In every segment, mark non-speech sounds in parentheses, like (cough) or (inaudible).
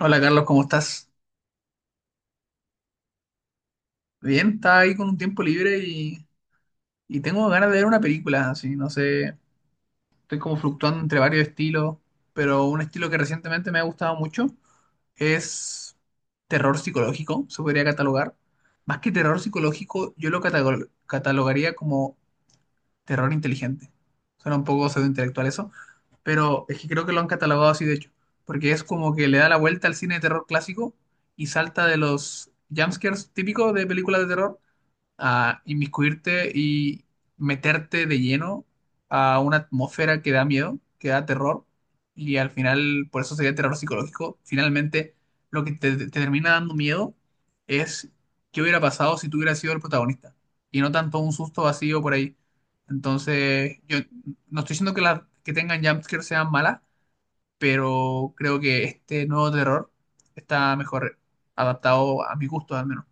Hola Carlos, ¿cómo estás? Bien, estaba ahí con un tiempo libre y tengo ganas de ver una película, así, no sé, estoy como fluctuando entre varios estilos, pero un estilo que recientemente me ha gustado mucho es terror psicológico, se podría catalogar. Más que terror psicológico, yo lo catalogaría como terror inteligente. Suena un poco pseudointelectual eso, pero es que creo que lo han catalogado así de hecho, porque es como que le da la vuelta al cine de terror clásico y salta de los jumpscares típicos de películas de terror a inmiscuirte y meterte de lleno a una atmósfera que da miedo, que da terror, y al final, por eso sería terror psicológico, finalmente lo que te termina dando miedo es qué hubiera pasado si tú hubieras sido el protagonista, y no tanto un susto vacío por ahí. Entonces, yo no estoy diciendo que las que tengan jumpscares sean malas, pero creo que este nuevo terror está mejor adaptado a mi gusto, al menos.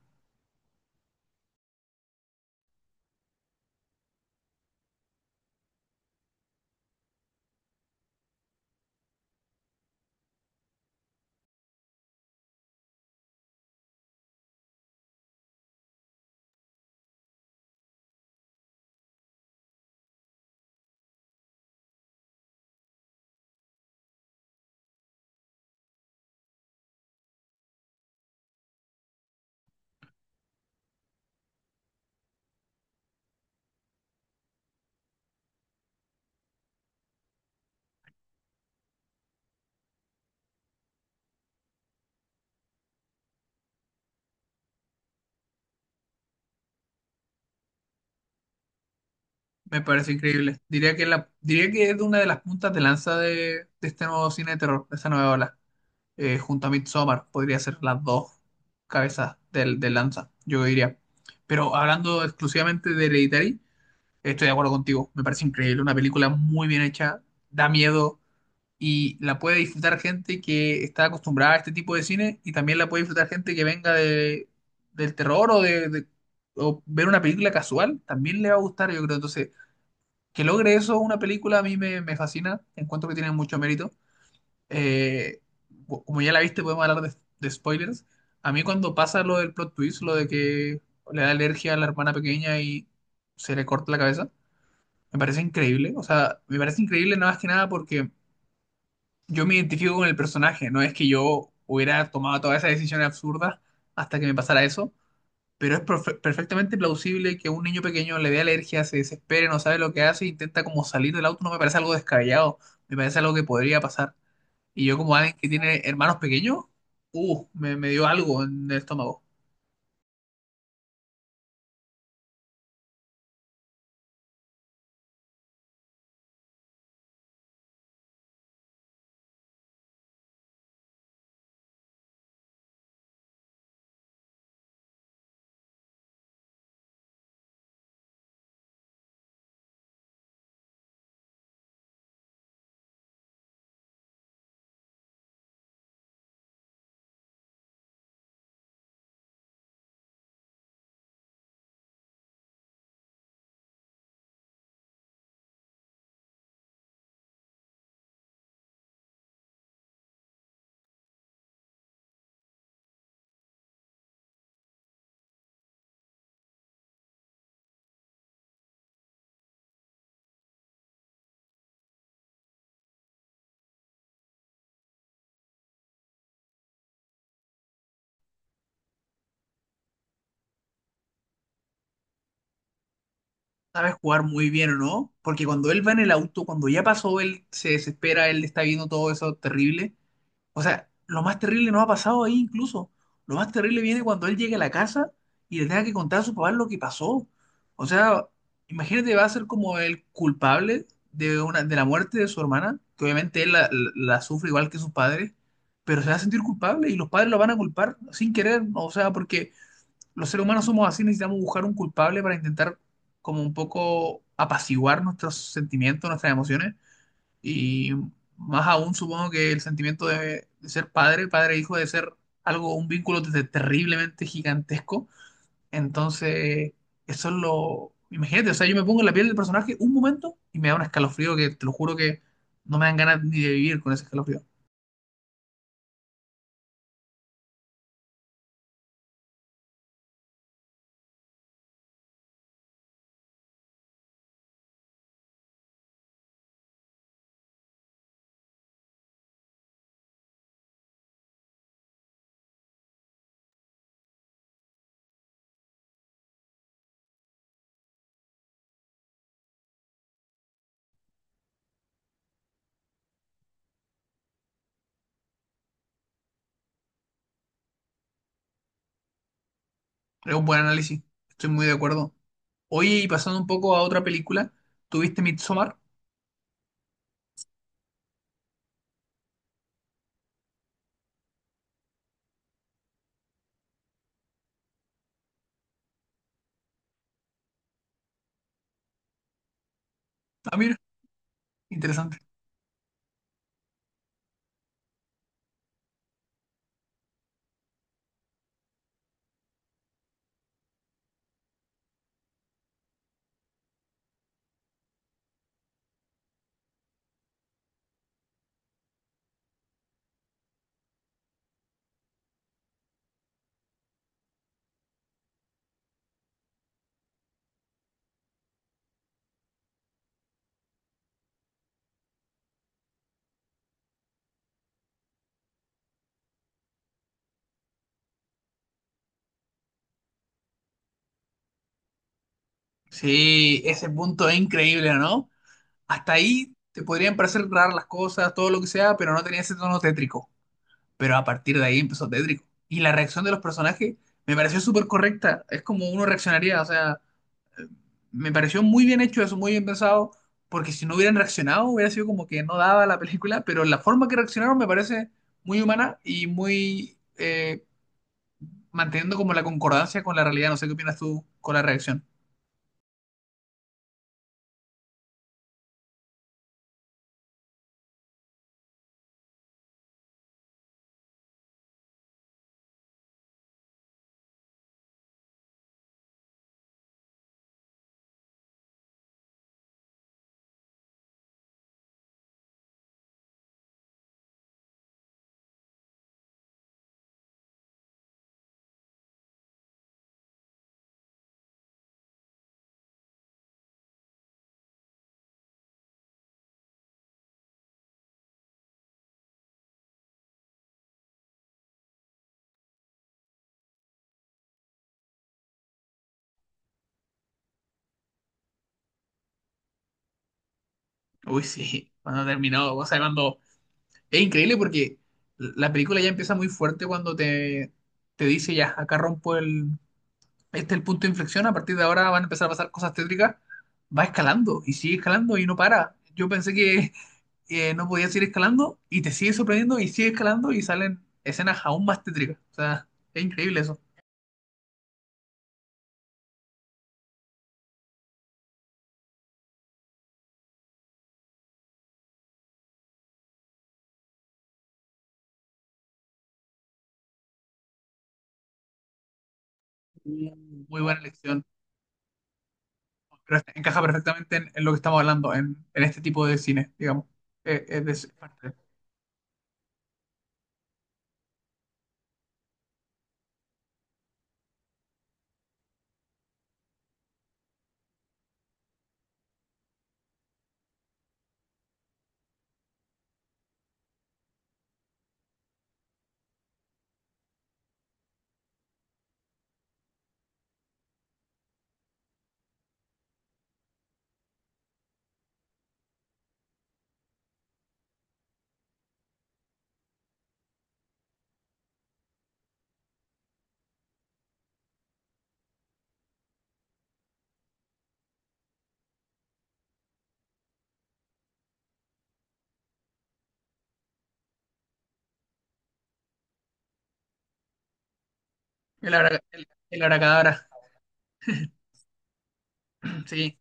Me parece increíble. Diría que, la, diría que es de una de las puntas de lanza de este nuevo cine de terror, de esta nueva ola. Junto a Midsommar, podría ser las dos cabezas del, de lanza, yo diría. Pero hablando exclusivamente de Hereditary, estoy de acuerdo contigo. Me parece increíble. Una película muy bien hecha, da miedo y la puede disfrutar gente que está acostumbrada a este tipo de cine y también la puede disfrutar gente que venga de, del terror o de- o ver una película casual, también le va a gustar, yo creo. Entonces que logre eso una película a mí me, me fascina, encuentro que tiene mucho mérito. Eh, Como ya la viste, podemos hablar de spoilers. A mí cuando pasa lo del plot twist, lo de que le da alergia a la hermana pequeña y se le corta la cabeza, me parece increíble. O sea, me parece increíble nada más que nada porque yo me identifico con el personaje, no es que yo hubiera tomado todas esas decisiones absurdas hasta que me pasara eso, pero es perfectamente plausible que un niño pequeño le dé alergia, se desespere, no sabe lo que hace, intenta como salir del auto, no me parece algo descabellado, me parece algo que podría pasar. Y yo como alguien que tiene hermanos pequeños, me dio algo en el estómago. Sabe jugar muy bien o no, porque cuando él va en el auto, cuando ya pasó, él se desespera, él está viendo todo eso terrible. O sea, lo más terrible no ha pasado ahí incluso. Lo más terrible viene cuando él llegue a la casa y le tenga que contar a su papá lo que pasó. O sea, imagínate, va a ser como el culpable de, una, de la muerte de su hermana, que obviamente él la sufre igual que sus padres, pero se va a sentir culpable y los padres lo van a culpar sin querer, ¿no? O sea, porque los seres humanos somos así, necesitamos buscar un culpable para intentar como un poco apaciguar nuestros sentimientos, nuestras emociones. Y más aún supongo que el sentimiento de ser padre, padre e hijo, de ser algo, un vínculo desde terriblemente gigantesco. Entonces, eso es lo... Imagínate, o sea, yo me pongo en la piel del personaje un momento y me da un escalofrío que te lo juro que no me dan ganas ni de vivir con ese escalofrío. Es un buen análisis, estoy muy de acuerdo. Oye, y pasando un poco a otra película, ¿tuviste Midsommar? Ah, mira, interesante. Sí, ese punto es increíble, ¿no? Hasta ahí te podrían parecer raras las cosas, todo lo que sea, pero no tenía ese tono tétrico. Pero a partir de ahí empezó tétrico. Y la reacción de los personajes me pareció súper correcta. Es como uno reaccionaría. O sea, eh, me pareció muy bien hecho eso, muy bien pensado. Porque si no hubieran reaccionado, hubiera sido como que no daba la película. Pero la forma que reaccionaron me parece muy humana y muy manteniendo como la concordancia con la realidad. No sé qué opinas tú con la reacción. Uy, sí, cuando terminó, o sea, cuando... Es increíble porque la película ya empieza muy fuerte cuando te dice ya, acá rompo el, este es el punto de inflexión, a partir de ahora van a empezar a pasar cosas tétricas, va escalando y sigue escalando y no para. Yo pensé que (laughs) no podía seguir escalando y te sigue sorprendiendo y sigue escalando y salen escenas aún más tétricas. O sea, es increíble eso. Mm. Muy buena elección. Pero encaja perfectamente en lo que estamos hablando, en este tipo de cine, digamos. Es de- parte. El el abracadabra, sí.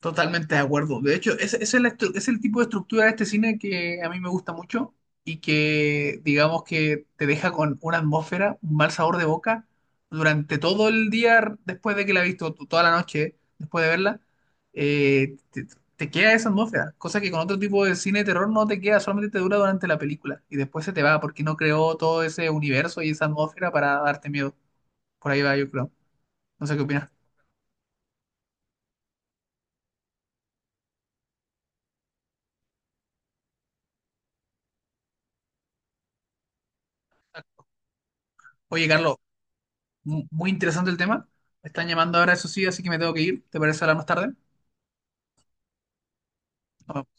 Totalmente de acuerdo. De hecho, ese es, la es el tipo de estructura de este cine que a mí me gusta mucho y que, digamos que te deja con una atmósfera, un mal sabor de boca durante todo el día después de que la has visto, toda la noche después de verla, eh, te, te queda esa atmósfera, cosa que con otro tipo de cine de terror no te queda, solamente te dura durante la película y después se te va porque no creó todo ese universo y esa atmósfera para darte miedo. Por ahí va, yo creo. No sé qué opinas. Oye, Carlos, muy interesante el tema. Me están llamando ahora, eso sí, así que me tengo que ir. ¿Te parece hablar más tarde? Nos vemos.